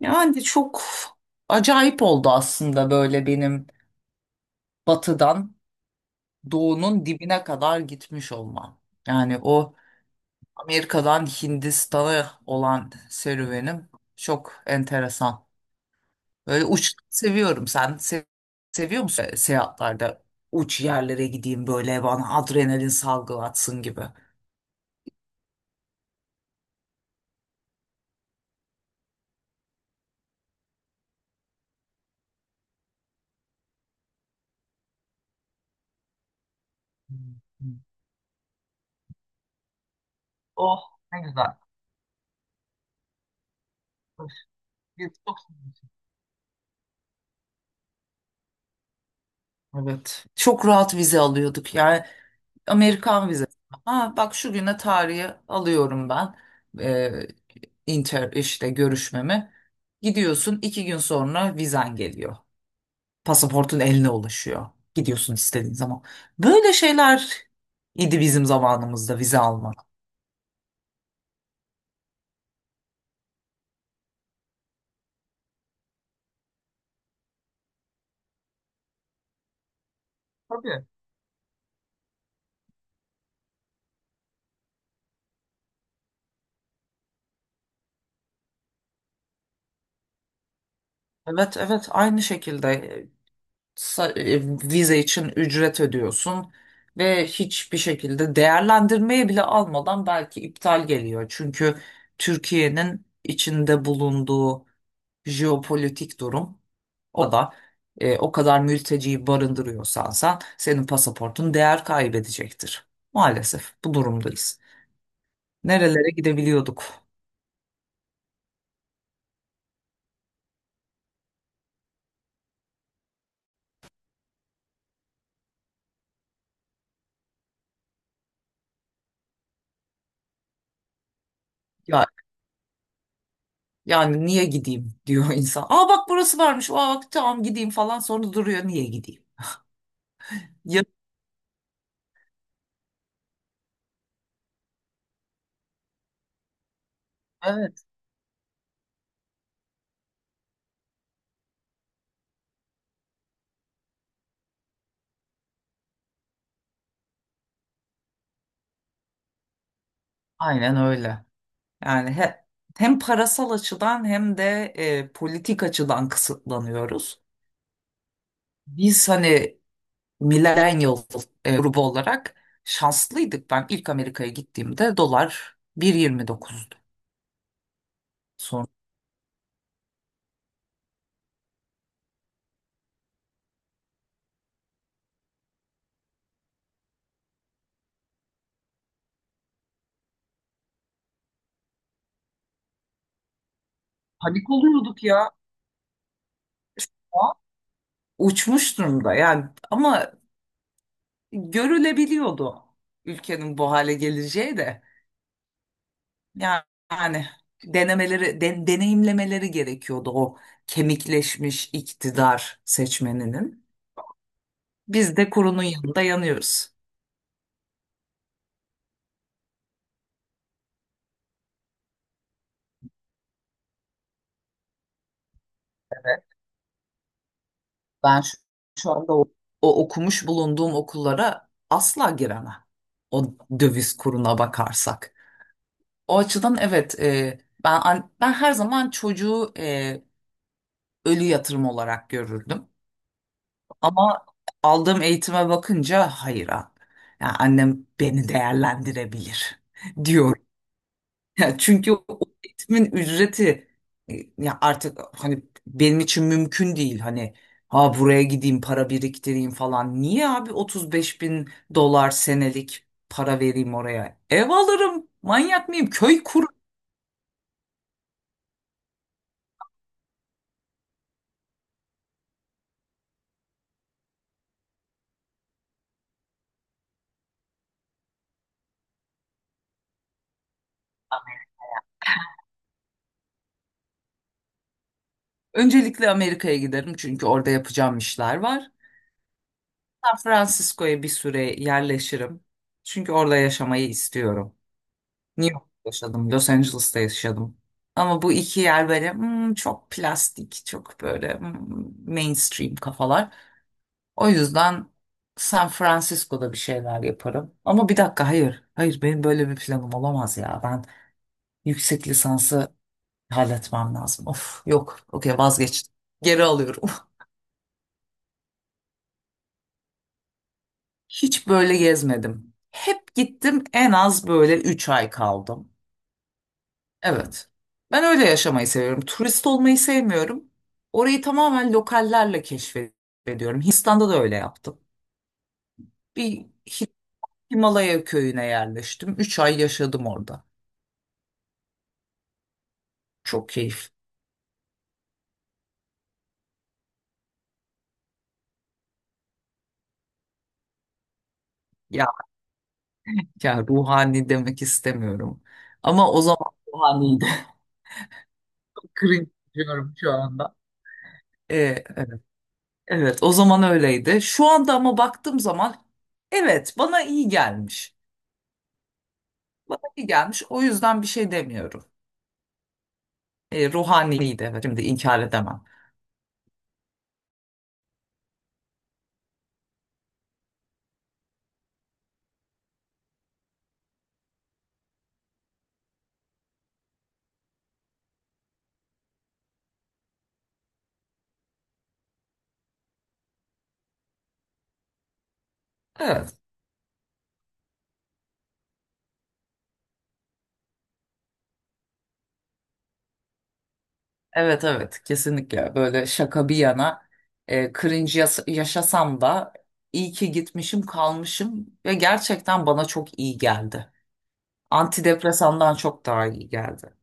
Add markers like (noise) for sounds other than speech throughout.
Yani çok acayip oldu aslında böyle benim batıdan doğunun dibine kadar gitmiş olmam. Yani o Amerika'dan Hindistan'a olan serüvenim çok enteresan. Böyle uç seviyorum. Seviyor musun seyahatlerde uç yerlere gideyim böyle bana adrenalin salgılatsın gibi? Oh, ne güzel. Çok. Evet, çok rahat vize alıyorduk. Yani Amerikan vizesi. Ha, bak şu güne tarihi alıyorum ben. Ee, inter işte görüşmemi. Gidiyorsun, iki gün sonra vizen geliyor. Pasaportun eline ulaşıyor. Gidiyorsun istediğin zaman. Böyle şeyler idi bizim zamanımızda vize almak. Tabii. Evet, evet, aynı şekilde. sa- e, Vize için ücret ödüyorsun ve hiçbir şekilde değerlendirmeye bile almadan belki iptal geliyor. Çünkü Türkiye'nin içinde bulunduğu jeopolitik durum, o da o kadar mülteciyi barındırıyorsan sen, senin pasaportun değer kaybedecektir. Maalesef bu durumdayız. Nerelere gidebiliyorduk? Ya, yani niye gideyim diyor insan. Aa, bak, burası varmış. Aa, bak, tamam, gideyim falan, sonra duruyor, niye gideyim? Ya, evet. Aynen öyle. Yani he- Hem parasal açıdan hem de politik açıdan kısıtlanıyoruz. Biz hani millennial grubu olarak şanslıydık. Ben ilk Amerika'ya gittiğimde dolar 1.29'du. Sonra panik oluyorduk ya. Şu an uçmuş durumda yani, ama görülebiliyordu ülkenin bu hale geleceği de. Yani, yani deneyimlemeleri gerekiyordu o kemikleşmiş iktidar seçmeninin. Biz de kurunun yanında yanıyoruz. Ben şu, Şu anda o okumuş bulunduğum okullara asla giremem. O döviz kuruna bakarsak. O açıdan evet, ben her zaman çocuğu ölü yatırım olarak görürdüm. Ama aldığım eğitime bakınca hayır abi. Yani annem beni değerlendirebilir (laughs) diyorum. Ya çünkü o eğitimin ücreti, ya artık hani benim için mümkün değil, hani ha buraya gideyim para biriktireyim falan. Niye abi 35 bin dolar senelik para vereyim oraya? Ev alırım. Manyak mıyım? Köy kur. Öncelikle Amerika'ya giderim, çünkü orada yapacağım işler var. San Francisco'ya bir süre yerleşirim. Çünkü orada yaşamayı istiyorum. New York'ta yaşadım, Los Angeles'ta yaşadım. Ama bu iki yer böyle, hmm, çok plastik, çok böyle, mainstream kafalar. O yüzden San Francisco'da bir şeyler yaparım. Ama bir dakika, hayır, hayır, benim böyle bir planım olamaz ya. Ben yüksek lisansı halletmem lazım. Of, yok, okey, vazgeçtim. Geri alıyorum. (laughs) Hiç böyle gezmedim. Hep gittim, en az böyle 3 ay kaldım. Evet. Ben öyle yaşamayı seviyorum. Turist olmayı sevmiyorum. Orayı tamamen lokallerle keşfediyorum. Hindistan'da da öyle yaptım. Bir Himalaya köyüne yerleştim. Üç ay yaşadım orada. Çok keyif. Ya, ya ruhani demek istemiyorum. Ama o zaman ruhaniydi. (laughs) Cringe diyorum şu anda. Ee, evet. Evet, o zaman öyleydi. Şu anda ama baktığım zaman, evet, bana iyi gelmiş. Bana iyi gelmiş. O yüzden bir şey demiyorum. Ruhaniydi, evet. Şimdi inkar edemem. Evet. Evet, evet, kesinlikle. Böyle şaka bir yana, cringe yaşasam da iyi ki gitmişim, kalmışım ve gerçekten bana çok iyi geldi. Antidepresandan çok daha iyi geldi.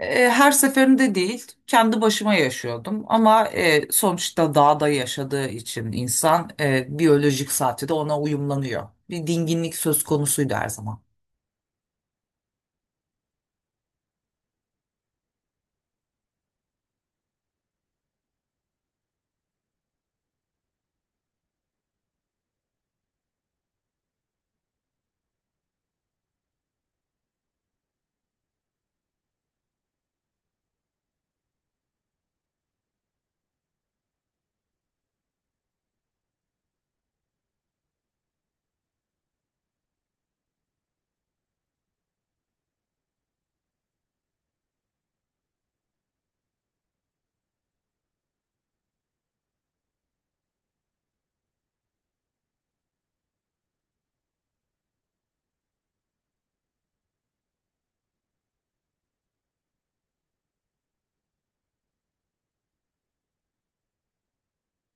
E, her seferinde değil, kendi başıma yaşıyordum, ama sonuçta dağda yaşadığı için insan, biyolojik saati de ona uyumlanıyor. Bir dinginlik söz konusuydu her zaman.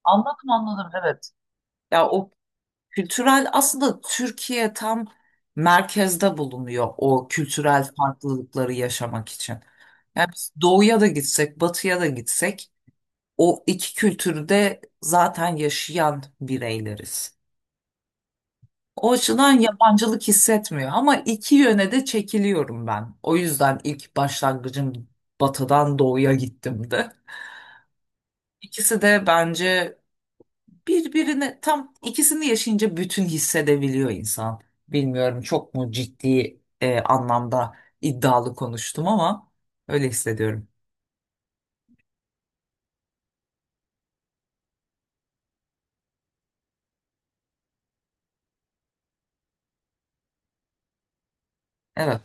Anladım, anladım, evet. Ya o, kültürel aslında Türkiye tam merkezde bulunuyor, o kültürel farklılıkları yaşamak için. Yani biz doğuya da gitsek, batıya da gitsek, o iki kültürü de zaten yaşayan bireyleriz. O açıdan yabancılık hissetmiyor, ama iki yöne de çekiliyorum ben. O yüzden ilk başlangıcım batıdan doğuya gittim de. İkisi de bence, birbirine tam, ikisini yaşayınca bütün hissedebiliyor insan. Bilmiyorum, çok mu ciddi anlamda iddialı konuştum, ama öyle hissediyorum. Evet,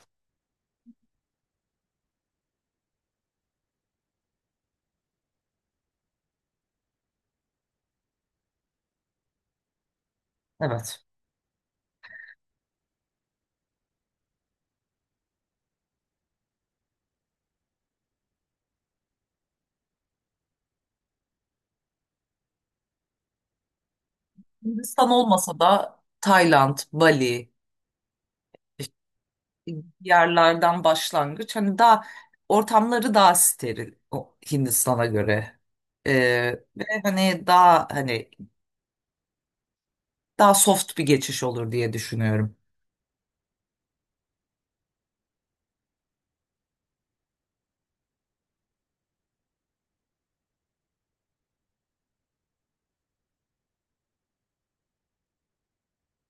evet. Hindistan olmasa da Tayland, Bali, yerlerden başlangıç. Hani daha ortamları daha steril o Hindistan'a göre. Ee, ve hani daha, hani daha soft bir geçiş olur diye düşünüyorum.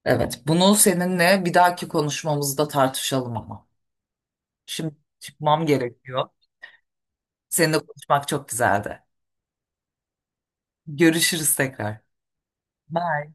Evet, bunu seninle bir dahaki konuşmamızda tartışalım ama. Şimdi çıkmam gerekiyor. Seninle konuşmak çok güzeldi. Görüşürüz tekrar. Bye.